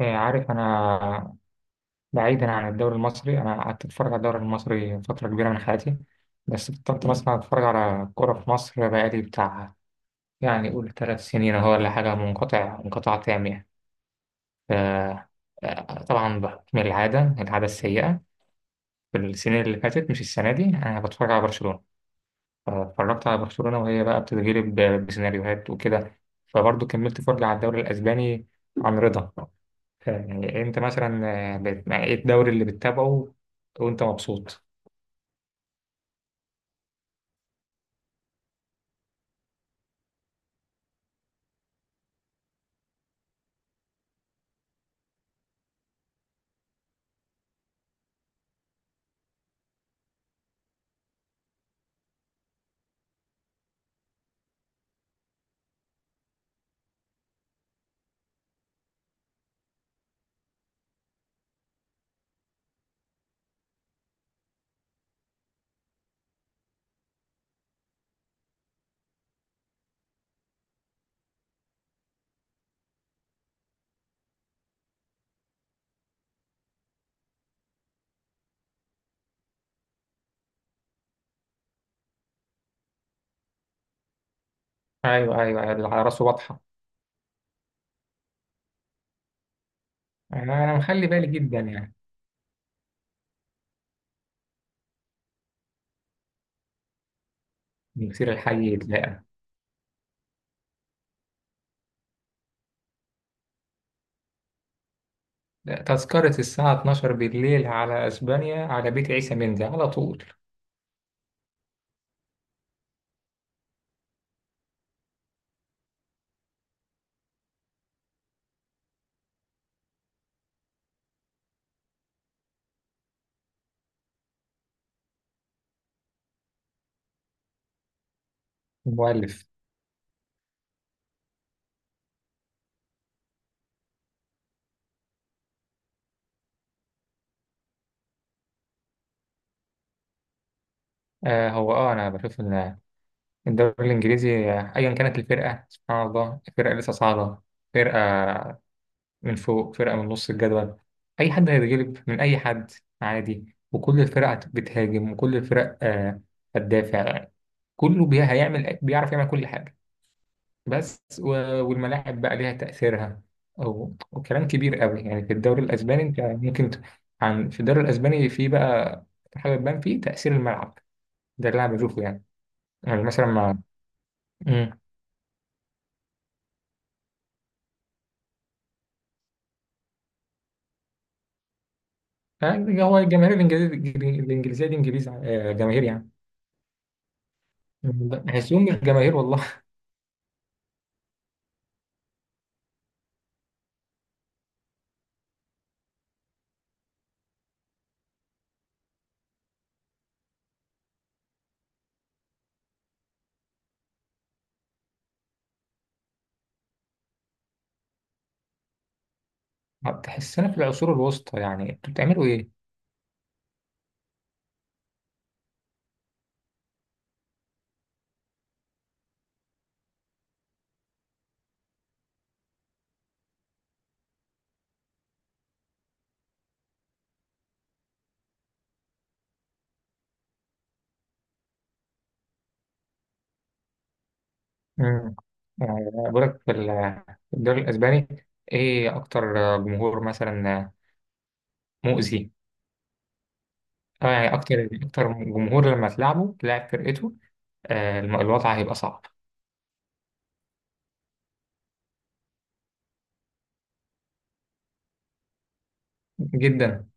إيه، عارف أنا بعيدا عن الدوري المصري. أنا قعدت أتفرج على الدوري المصري فترة كبيرة من حياتي، بس بطلت مثلا أتفرج على كورة في مصر بقالي بتاع، يعني قول ثلاث سنين أهو ولا حاجة، منقطع انقطاع تام يعني. ف- طبعا بحكم العادة السيئة. في السنين اللي فاتت، مش السنة دي، أنا بتفرج على برشلونة. فاتفرجت على برشلونة وهي بقى بتتغلب بسيناريوهات وكده، فبرضه كملت فرجة على الدوري الأسباني عن رضا. يعني انت مثلا، ايه الدوري اللي بتتابعه وانت مبسوط؟ ايوه ايوه أيوة، اللي على راسه واضحه. انا مخلي بالي جدا يعني. من كتير الحي يتلاقى. لا، تذكرة الساعة 12 بالليل على اسبانيا على بيت عيسى مندي على طول. مؤلف. آه هو انا بشوف ان الدوري الانجليزي، ايا كانت الفرقة، سبحان الله، فرقة لسه صاعدة، فرقة من فوق، فرقة من نص الجدول، أي حد هيتغلب من أي حد عادي. وكل الفرق بتهاجم، وكل الفرق هتدافع. كله بي- هيعمل بيعرف يعمل كل حاجة. بس والملاعب بقى ليها تأثيرها أو وكلام كبير قوي يعني. في الدوري الأسباني أنت ممكن ت- عن في الدوري الأسباني في بقى حاجة تبان فيه تأثير الملعب، ده اللي أنا بشوفه يعني. يعني مثلا ما. مم. يعني هو الجماهير الإنجليزية، الإنجليزية دي إنجليز جماهير يعني، بحسهم مش جماهير والله. تحسنا في العصور الوسطى، يعني انتوا بتعملوا ايه؟ امم يعني بقول لك في الدوري الاسباني ايه اكتر جمهور مثلا مؤذي؟ اه يعني اكتر جمهور لما تلعبه تلاعب فرقته، الوضع هيبقى صعب جدا.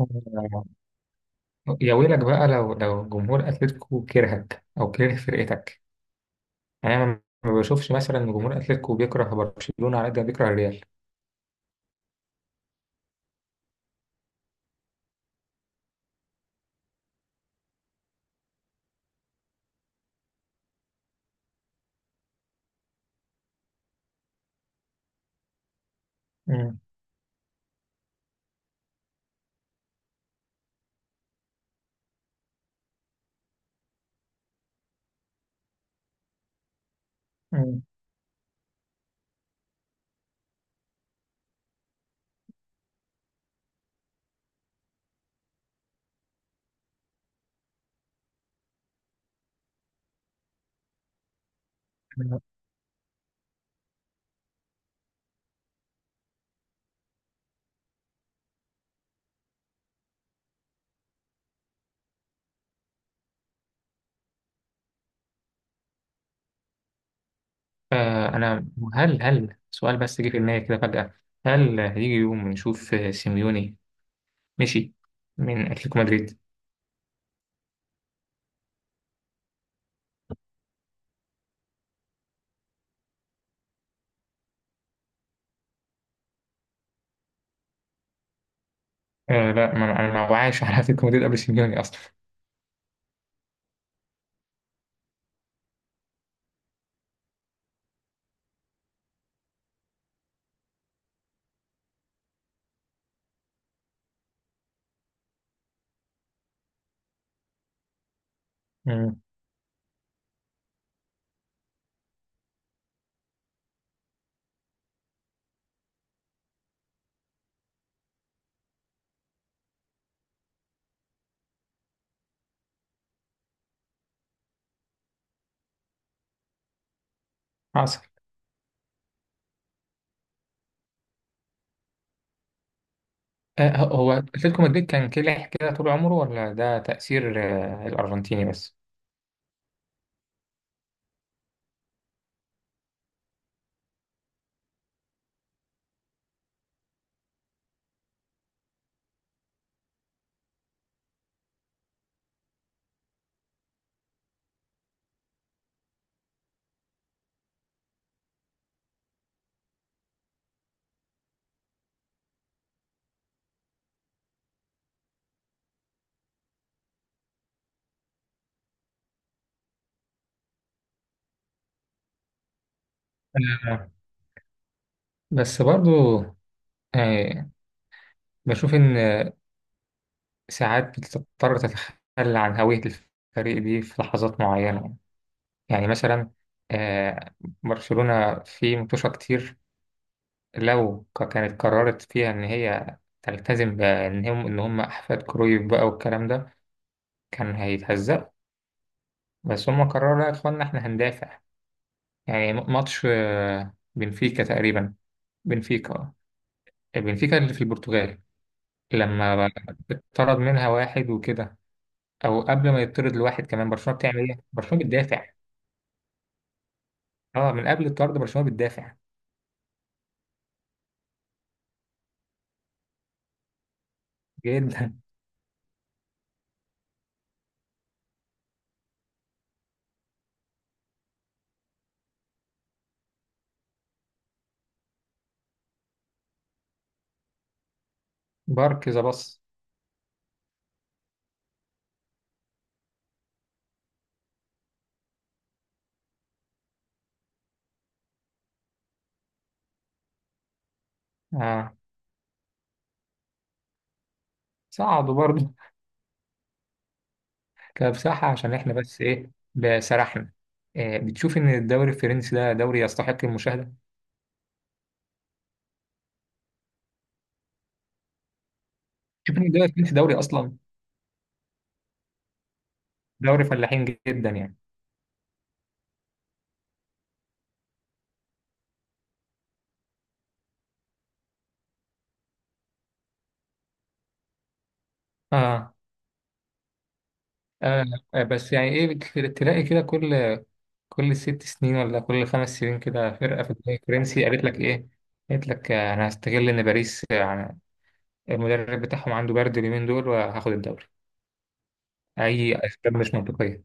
آه، يا ويلك بقى لو لو جمهور اتلتيكو كرهك او كره فرقتك. يعني انا ما بشوفش مثلا إن جمهور اتلتيكو بيكره برشلونة على قد ما بيكره الريال. امم آه أنا. هل سؤال بس جه في دماغي كده فجأة: هل هيجي يوم نشوف سيميوني مشي من أتلتيكو مدريد؟ آه لا، ما أنا ما وعاش على أتلتيكو مدريد قبل سيميوني أصلا. مم، حصل. آه، هو أتلتيكو مدريد كان كلح كده طول عمره ولا ده تأثير آه الأرجنتيني بس؟ آه، بس برضو، آه، بشوف إن ساعات بتضطر تتخلى عن هوية الفريق دي في لحظات معينة. يعني مثلا، آه، برشلونة في متوشة كتير، لو كانت قررت فيها إن هي تلتزم بإن هم إن هم أحفاد كرويف بقى والكلام ده، كان هيتهزق. بس هم قرروا لا يا إخوانا إحنا هندافع. يعني ماتش بنفيكا تقريبا، بنفيكا آه، بنفيكا اللي في البرتغال. لما اتطرد منها واحد وكده، أو قبل ما يطرد لواحد كمان، برشلونة بتعمل إيه؟ برشلونة بتدافع. أه، من قبل الطرد برشلونة بتدافع جدا. بارك ذا باص. أه، صعدوا برضه. كبصراحة عشان احنا بس ايه بسرحنا، إيه بتشوف ان الدوري الفرنسي ده دوري يستحق المشاهدة؟ بتشوف ان الدوري الفرنسي دوري اصلا، دوري فلاحين جدا يعني. آه. آه. آه، بس يعني ايه، تلاقي كده كل ست سنين ولا كل خمس سنين كده فرقة في الدوري الفرنسي قالت لك ايه؟ قالت لك انا هستغل ان باريس، يعني المدرب بتاعهم عنده برد اليومين دول، وهاخد الدوري. اي اسباب مش منطقية.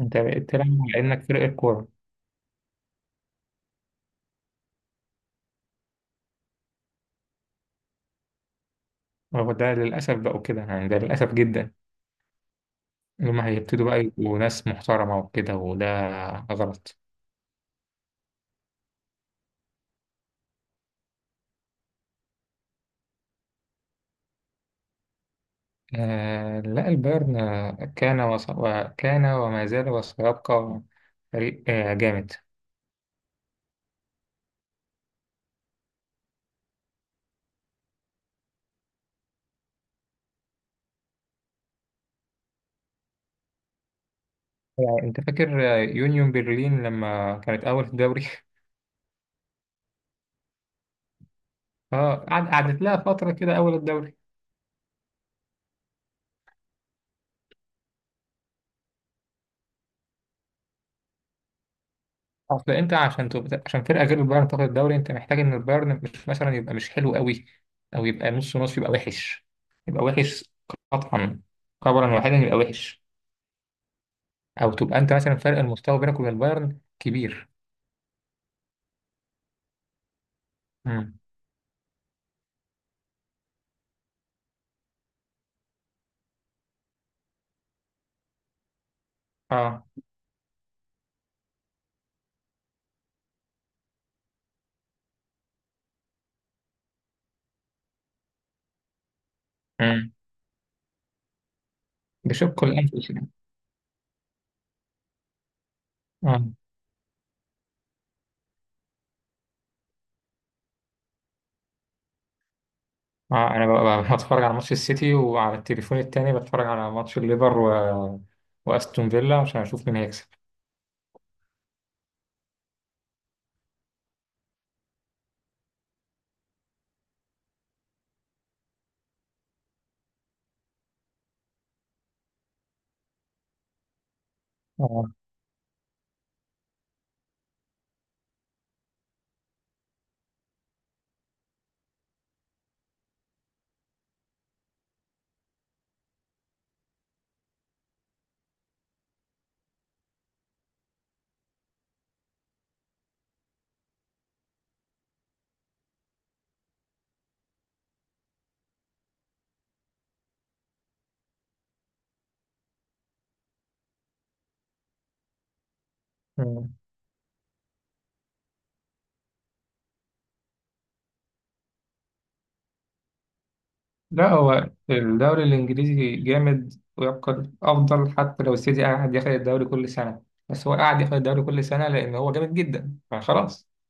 انت بقيت تلعب على انك فرقة كورة. وده للاسف بقوا كده يعني، ده للاسف جدا اللي هم هيبتدوا بقى يبقوا ناس محترمة وكده، وده غلط. آه لا، البايرن كان وص... وكان وما زال وسيبقى فريق آه جامد. يعني انت فاكر يونيون برلين لما كانت اول في الدوري؟ اه، قعدت لها فترة كده اول الدوري. اصل انت عشان تبقى... عشان فرقة غير البايرن تاخد الدوري، انت محتاج ان البايرن مش مثلا، يبقى مش حلو قوي، او يبقى نص نص، يبقى وحش، يبقى وحش قطعا، قبلا واحدا يبقى وحش، او تبقى انت مثلا فرق المستوى بينك وبين البايرن كبير. امم اه. امم بشق الانفس يعني. اه، اه، انا ببقى بتفرج على ماتش السيتي، وعلى التليفون التاني بتفرج على ماتش الليفر و... واستون فيلا عشان اشوف مين هيكسب. اه. مم. لا، هو الدوري الانجليزي جامد ويبقى افضل حتى لو السيتي قاعد ياخد الدوري كل سنه. بس هو قاعد ياخد الدوري كل سنه لان هو جامد جدا فخلاص.